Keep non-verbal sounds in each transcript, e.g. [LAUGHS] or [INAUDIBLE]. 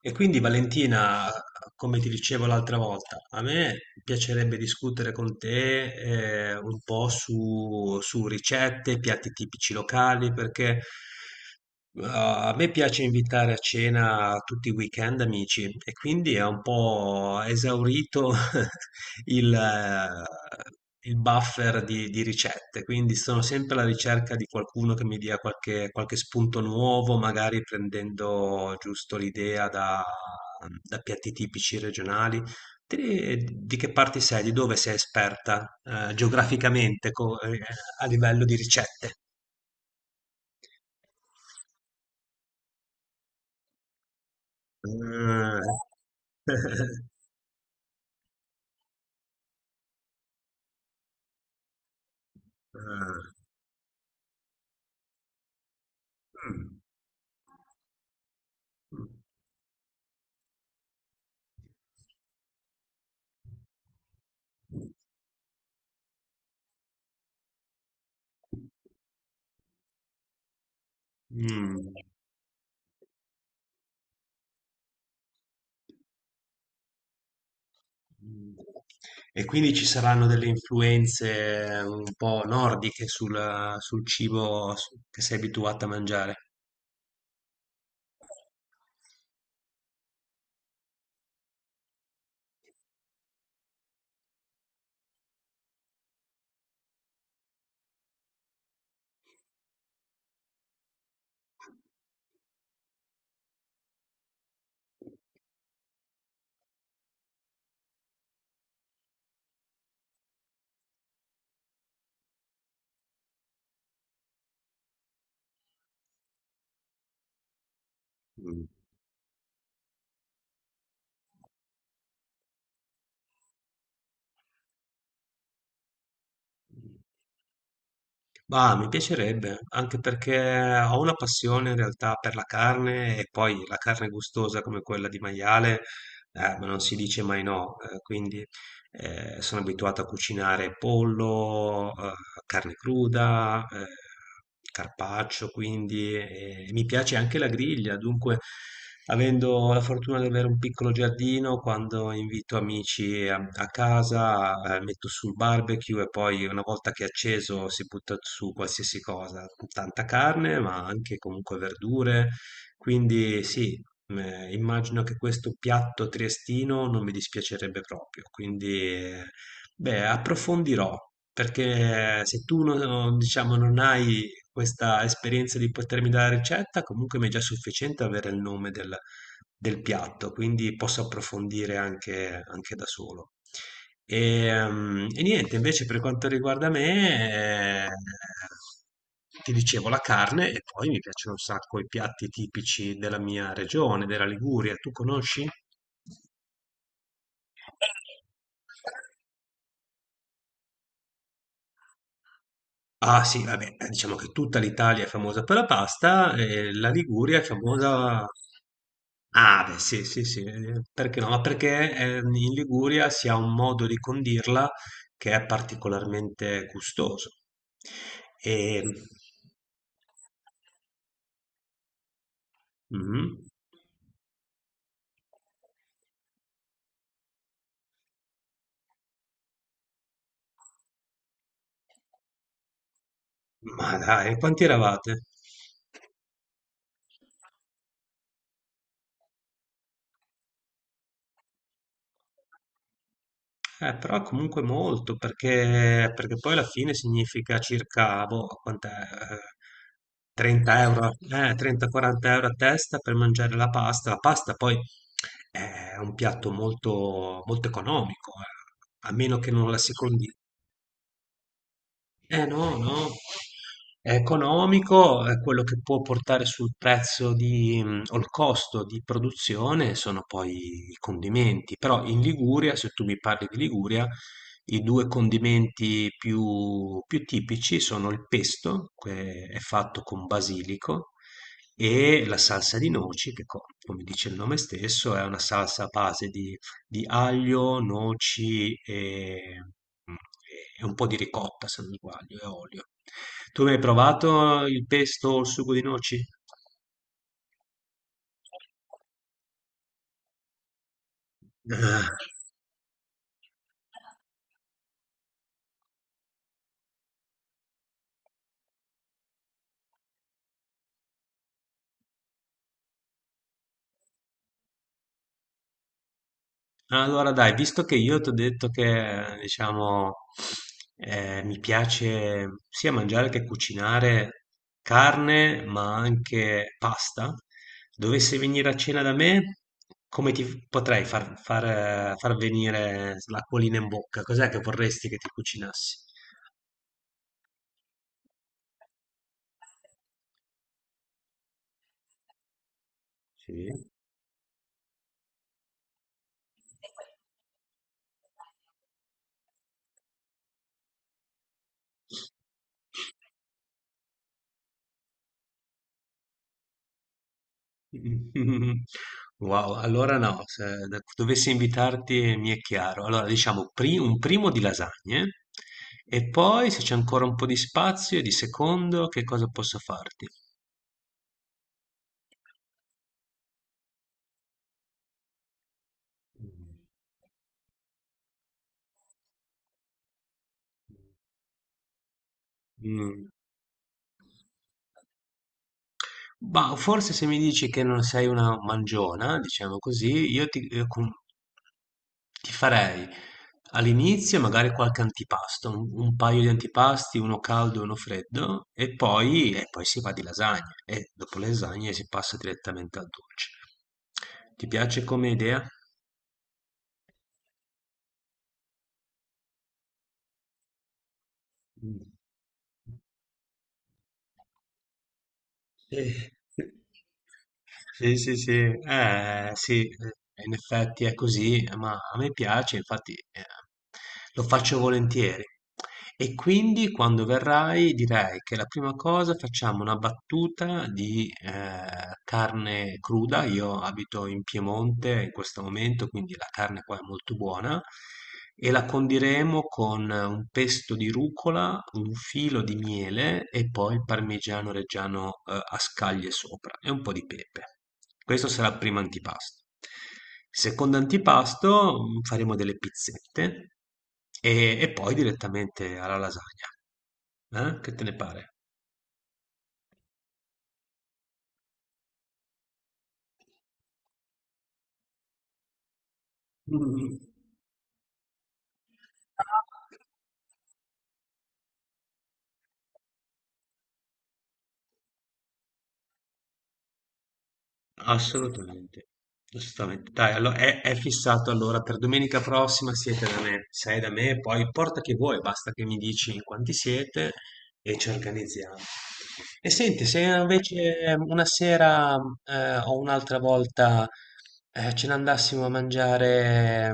E quindi Valentina, come ti dicevo l'altra volta, a me piacerebbe discutere con te un po' su ricette, piatti tipici locali, perché a me piace invitare a cena tutti i weekend amici e quindi è un po' esaurito [LAUGHS] il buffer di ricette, quindi sono sempre alla ricerca di qualcuno che mi dia qualche spunto nuovo, magari prendendo giusto l'idea da piatti tipici regionali. Di che parte sei? Di dove sei esperta, geograficamente, a livello di ricette? Ah. [LAUGHS] Eh, mm, mm. E quindi ci saranno delle influenze un po' nordiche sul cibo che sei abituato a mangiare. Mm. Ma mi piacerebbe, anche perché ho una passione in realtà per la carne e poi la carne gustosa come quella di maiale, ma non si dice mai no, quindi sono abituato a cucinare pollo, carne cruda, carpaccio, quindi e mi piace anche la griglia. Dunque, avendo la fortuna di avere un piccolo giardino, quando invito amici a casa, metto sul barbecue e poi una volta che è acceso si butta su qualsiasi cosa, tanta carne, ma anche comunque verdure. Quindi sì. Immagino che questo piatto triestino non mi dispiacerebbe proprio, quindi, beh, approfondirò, perché se tu non diciamo, non hai questa esperienza di potermi dare la ricetta, comunque mi è già sufficiente avere il nome del piatto, quindi posso approfondire anche da solo. E niente, invece per quanto riguarda me, ti dicevo la carne e poi mi piacciono un sacco i piatti tipici della mia regione, della Liguria. Tu conosci? Ah sì, vabbè, diciamo che tutta l'Italia è famosa per la pasta e la Liguria è famosa. Ah, beh, sì, sì, sì, perché no? Ma perché in Liguria si ha un modo di condirla che è particolarmente gustoso. E. Mhm. Ma dai, quanti eravate? Però comunque molto, perché poi alla fine significa circa, boh, quant'è, 30 euro, 30-40 euro a testa per mangiare la pasta. La pasta poi è un piatto molto, molto economico, a meno che non la secondi, eh no, no. È economico, è quello che può portare sul prezzo di, o il costo di produzione sono poi i condimenti. Però in Liguria, se tu mi parli di Liguria, i due condimenti più tipici sono il pesto, che è fatto con basilico, e la salsa di noci, che come dice il nome stesso, è una salsa a base di aglio, noci mm, e un po' di ricotta, se non sbaglio, e olio. Tu mi hai provato il pesto o il sugo di noci? [LAUGHS] Ah, allora dai, visto che io ti ho detto che, diciamo, mi piace sia mangiare che cucinare carne, ma anche pasta, dovessi venire a cena da me, come ti potrei far venire l'acquolina in bocca? Cos'è che vorresti che ti cucinassi? Sì. [LAUGHS] Wow, allora no, se dovessi invitarti mi è chiaro. Allora diciamo un primo di lasagne e poi se c'è ancora un po' di spazio, di secondo, che cosa posso farti? Mm. Ma forse se mi dici che non sei una mangiona, diciamo così, ti farei all'inizio magari qualche antipasto, un paio di antipasti, uno caldo e uno freddo, e poi si va di lasagne, e dopo le lasagne si passa direttamente al dolce. Ti piace come idea? Mm. Sì. Sì, sì, sì, sì, in effetti è così, ma a me piace, infatti lo faccio volentieri. E quindi quando verrai direi che la prima cosa facciamo una battuta di carne cruda, io abito in Piemonte in questo momento, quindi la carne qua è molto buona, e la condiremo con un pesto di rucola, un filo di miele e poi il parmigiano reggiano, a scaglie sopra e un po' di pepe. Questo sarà il primo antipasto. Secondo antipasto, faremo delle pizzette e poi direttamente alla lasagna. Che te ne pare? Mm. Assolutamente, assolutamente. Dai, allo è fissato allora per domenica prossima siete da me, sei da me, poi porta che vuoi, basta che mi dici in quanti siete e ci organizziamo. E senti, se invece una sera o un'altra volta ce ne andassimo a mangiare,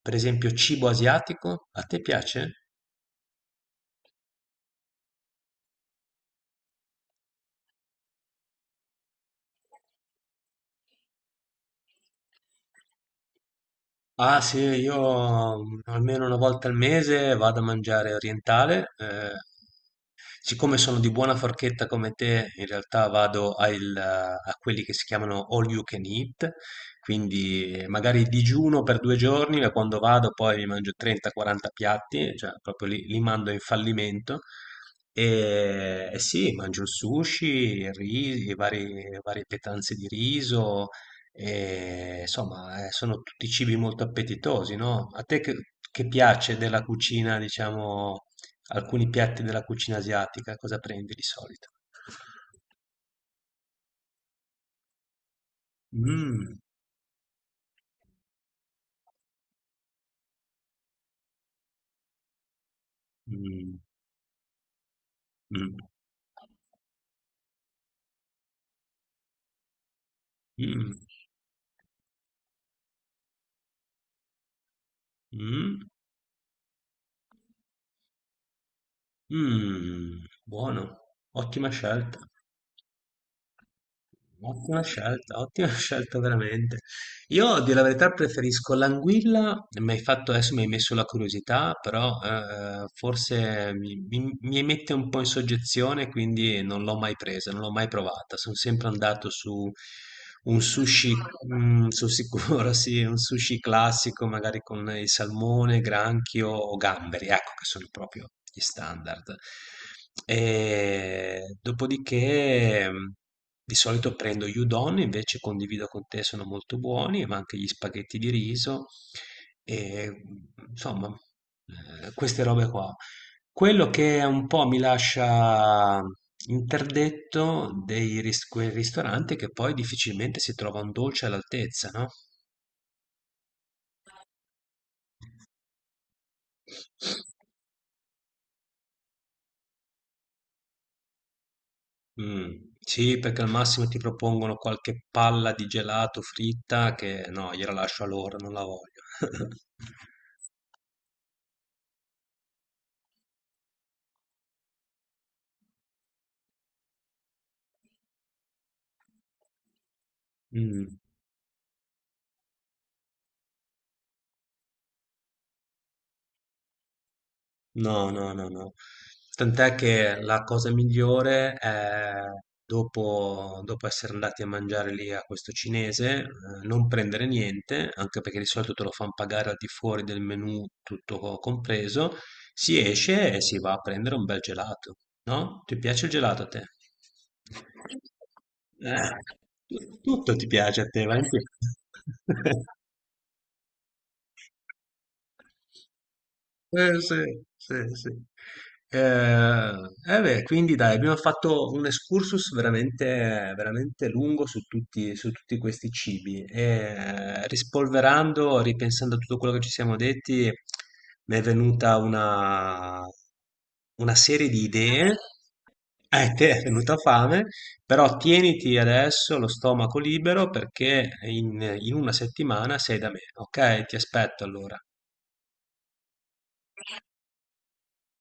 per esempio, cibo asiatico, a te piace? Ah sì, io almeno una volta al mese vado a mangiare orientale. Siccome sono di buona forchetta come te, in realtà vado a quelli che si chiamano all you can eat, quindi magari digiuno per 2 giorni, ma quando vado poi mi mangio 30-40 piatti, cioè proprio li mando in fallimento. E sì, mangio il sushi, varie pietanze di riso, e, insomma, sono tutti cibi molto appetitosi, no? A te che piace della cucina, diciamo, alcuni piatti della cucina asiatica, cosa prendi di solito? Mm, mm, mm, mm, mm, mm, buono, ottima scelta. Ottima scelta, ottima [LAUGHS] scelta veramente. Io, a dire la verità, preferisco l'anguilla, adesso mi hai messo la curiosità, però forse mi mette un po' in soggezione, quindi non l'ho mai presa, non l'ho mai provata. Sono sempre andato su un sushi, sul sicuro, [LAUGHS] sì, un sushi classico, magari con il salmone, granchio o gamberi, ecco che sono proprio gli standard. E dopodiché. Di solito prendo gli udon, invece condivido con te, sono molto buoni, ma anche gli spaghetti di riso e insomma, queste robe qua. Quello che un po' mi lascia interdetto dei ris quei ristoranti è che poi difficilmente si trova un dolce all'altezza, no. Sì, perché al massimo ti propongono qualche palla di gelato fritta che no, gliela lascio a loro, non la voglio. [LAUGHS] Mh. No, no, no, no. Tant'è che la cosa migliore è dopo essere andati a mangiare lì a questo cinese, non prendere niente, anche perché di solito te lo fanno pagare al di fuori del menù tutto compreso, si esce e si va a prendere un bel gelato, no? Ti piace il gelato a te? Eh, tutto ti piace a te, vai in giro. [LAUGHS] Sì, sì, sì. Eh, beh, quindi dai, abbiamo fatto un excursus veramente, veramente lungo su tutti questi cibi. E, rispolverando, ripensando a tutto quello che ci siamo detti, mi è venuta una serie di idee. A te [LAUGHS] è venuta fame, però tieniti adesso lo stomaco libero perché in una settimana sei da me, ok? Ti aspetto allora.